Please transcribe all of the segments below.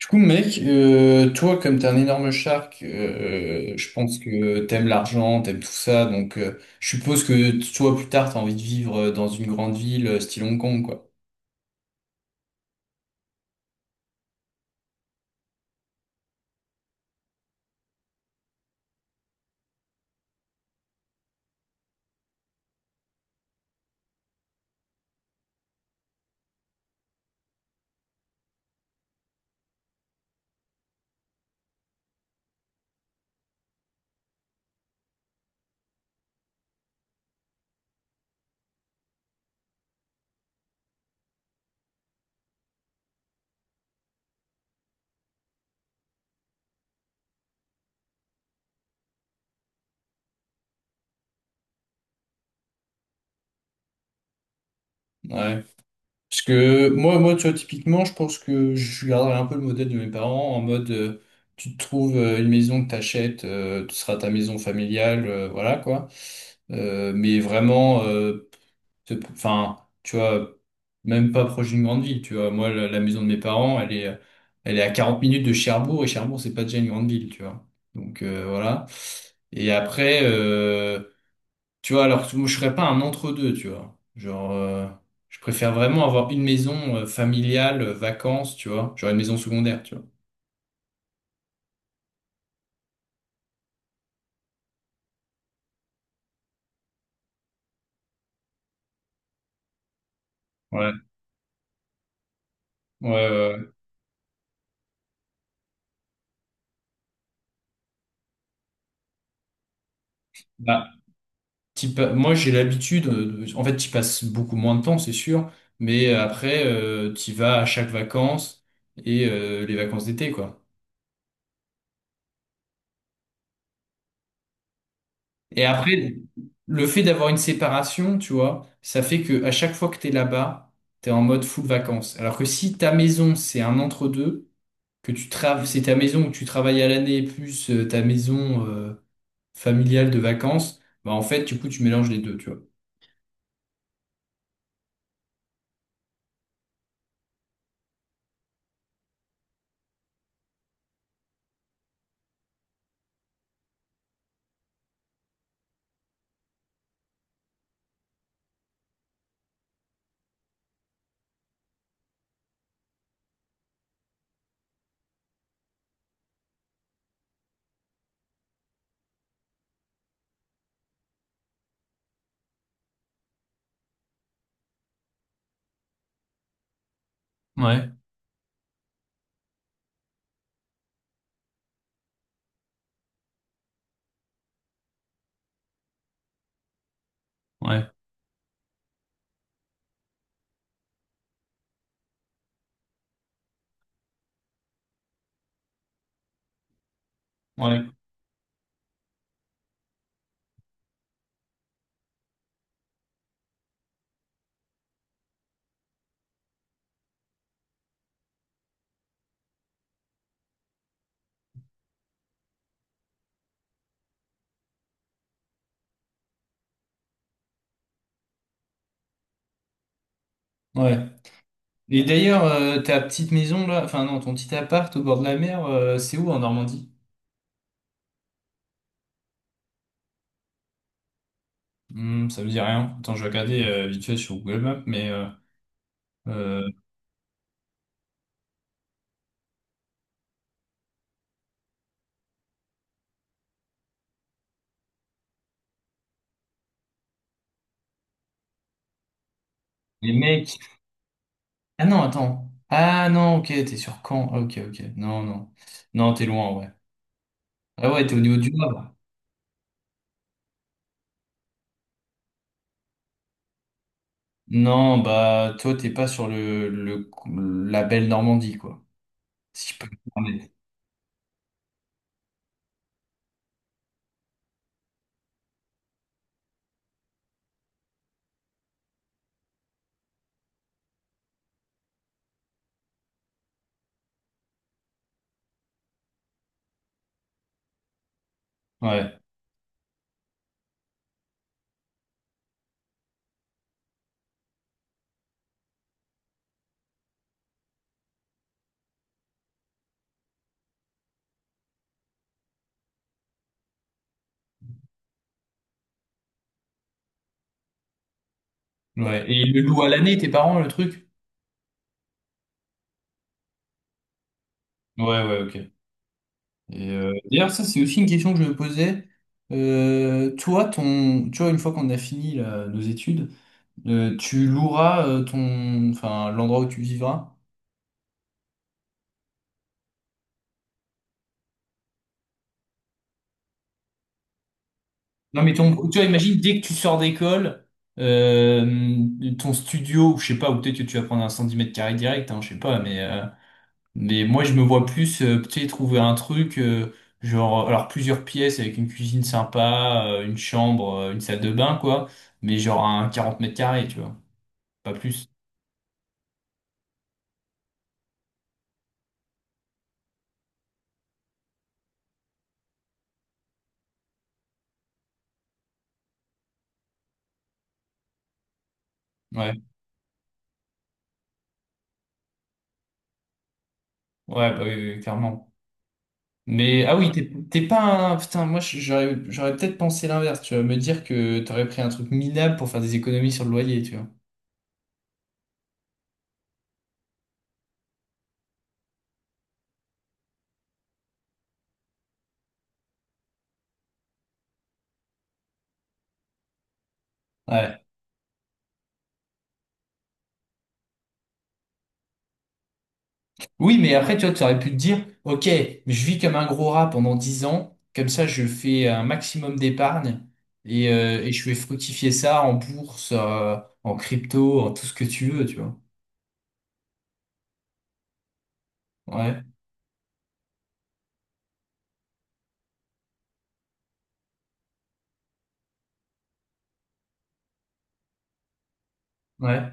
Du coup, mec, toi, comme t'es un énorme shark, je pense que t'aimes l'argent, t'aimes tout ça, donc je suppose que toi, plus tard, t'as envie de vivre dans une grande ville, style Hong Kong, quoi. Ouais. Parce que moi, tu vois, typiquement, je pense que je garderais un peu le modèle de mes parents, en mode, tu te trouves une maison que t'achètes, ce sera ta maison familiale, voilà, quoi. Mais vraiment, Enfin, tu vois, même pas proche d'une grande ville, tu vois. Moi, la maison de mes parents, elle est à 40 minutes de Cherbourg, et Cherbourg, c'est pas déjà une grande ville, tu vois. Donc, voilà. Et après, tu vois, alors que moi, je serais pas un entre-deux, tu vois. Genre, je préfère vraiment avoir une maison familiale, vacances, tu vois. Genre une maison secondaire, tu vois. Ouais, ouais, ouais, ouais. Bah, Moi, j'ai l'habitude, en fait, tu passes beaucoup moins de temps, c'est sûr, mais après, tu vas à chaque vacances et les vacances d'été, quoi. Et après, le fait d'avoir une séparation, tu vois, ça fait que à chaque fois que t'es là-bas, t'es en mode full vacances. Alors que si ta maison, c'est un entre-deux, que tu travailles, c'est ta maison où tu travailles à l'année plus ta maison familiale de vacances, bah en fait, du coup, tu mélanges les deux, tu vois. Ouais, ouais, ouais, ouais. Et d'ailleurs, ta petite maison là, enfin non, ton petit appart au bord de la mer, c'est où en Normandie? Hmm, ça me dit rien. Attends, je vais regarder vite fait sur Google Maps, mais euh, les mecs. Ah non, attends. Ah non, ok, t'es sur Caen. Ah, ok, ok. Non, non. Non, t'es loin, ouais. Ah ouais, t'es au niveau du Havre. Non, bah toi, t'es pas sur le, la belle Normandie, quoi. Si je peux me permettre. Ouais, ouais. Et le louent à l'année, tes parents, le truc? Ouais, ouais, ok. Et d'ailleurs, ça, c'est aussi une question que je me posais. Toi, tu vois, une fois qu'on a fini là, nos études, tu loueras ton, enfin, l'endroit où tu vivras. Non, mais ton, tu vois, imagine dès que tu sors d'école, euh, ton studio, ou je sais pas, ou peut-être que tu vas prendre un 110 m² direct, hein, je sais pas, mais moi, je me vois plus peut-être trouver un truc, genre, alors plusieurs pièces avec une cuisine sympa, une chambre, une salle de bain, quoi, mais genre un 40 m², tu vois, pas plus. Ouais, ouais, bah oui, oui, oui, clairement. Mais ah oui, t'es pas un. Putain, j'aurais peut-être pensé l'inverse, tu vas me dire que t'aurais pris un truc minable pour faire des économies sur le loyer, tu vois. Ouais. Oui, mais après, tu vois, tu aurais pu te dire, ok, je vis comme un gros rat pendant 10 ans, comme ça je fais un maximum d'épargne et je vais fructifier ça en bourse, en crypto, en tout ce que tu veux, tu vois. Ouais, ouais,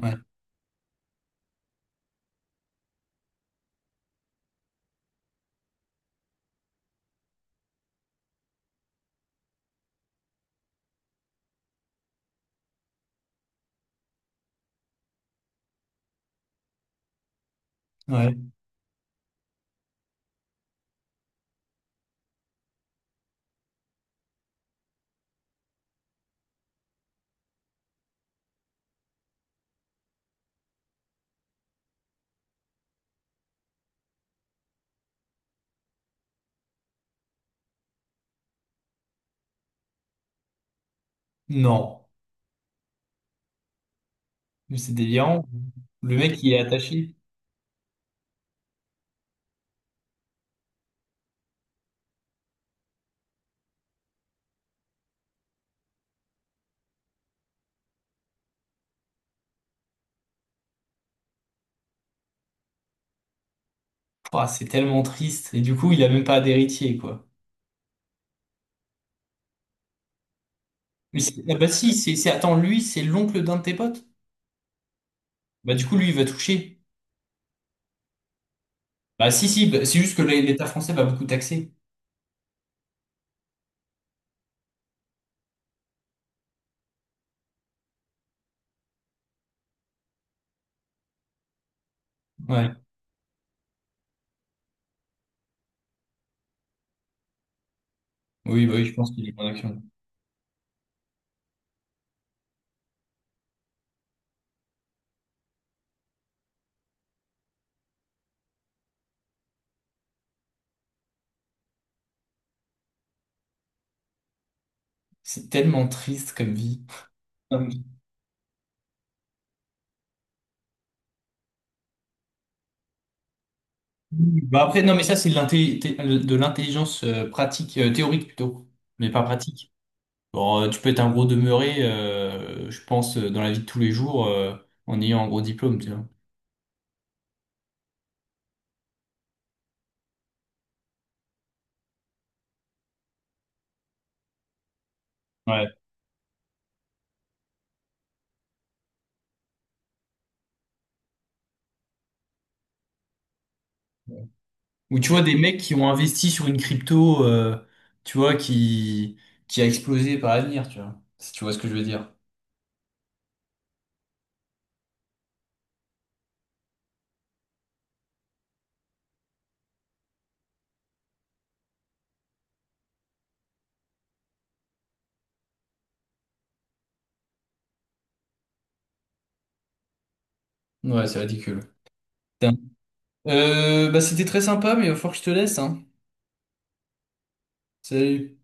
ouais, ouais. Non, mais c'est délirant. Le mec, il est attaché. Ouah, c'est tellement triste. Et du coup, il a même pas d'héritier, quoi. Mais c'est- ah bah si, c'est- attends, lui, c'est l'oncle d'un de tes potes? Bah du coup, lui, il va toucher. Bah si, si, bah, c'est juste que l'État français va beaucoup taxer. Ouais. Oui, bah oui, je pense qu'il est en action. C'est tellement triste comme vie. Hum. Bah après, non, mais ça, c'est de de l'intelligence pratique, théorique plutôt, mais pas pratique. Bon, tu peux être un gros demeuré, je pense, dans la vie de tous les jours, en ayant un gros diplôme, tu vois. Ouais. Ou tu vois, des mecs qui ont investi sur une crypto, tu vois, qui a explosé par l'avenir, tu vois. Si tu vois ce que je veux dire. Ouais, c'est ridicule. Putain. Bah, c'était très sympa, mais il va falloir que je te laisse, hein. Salut.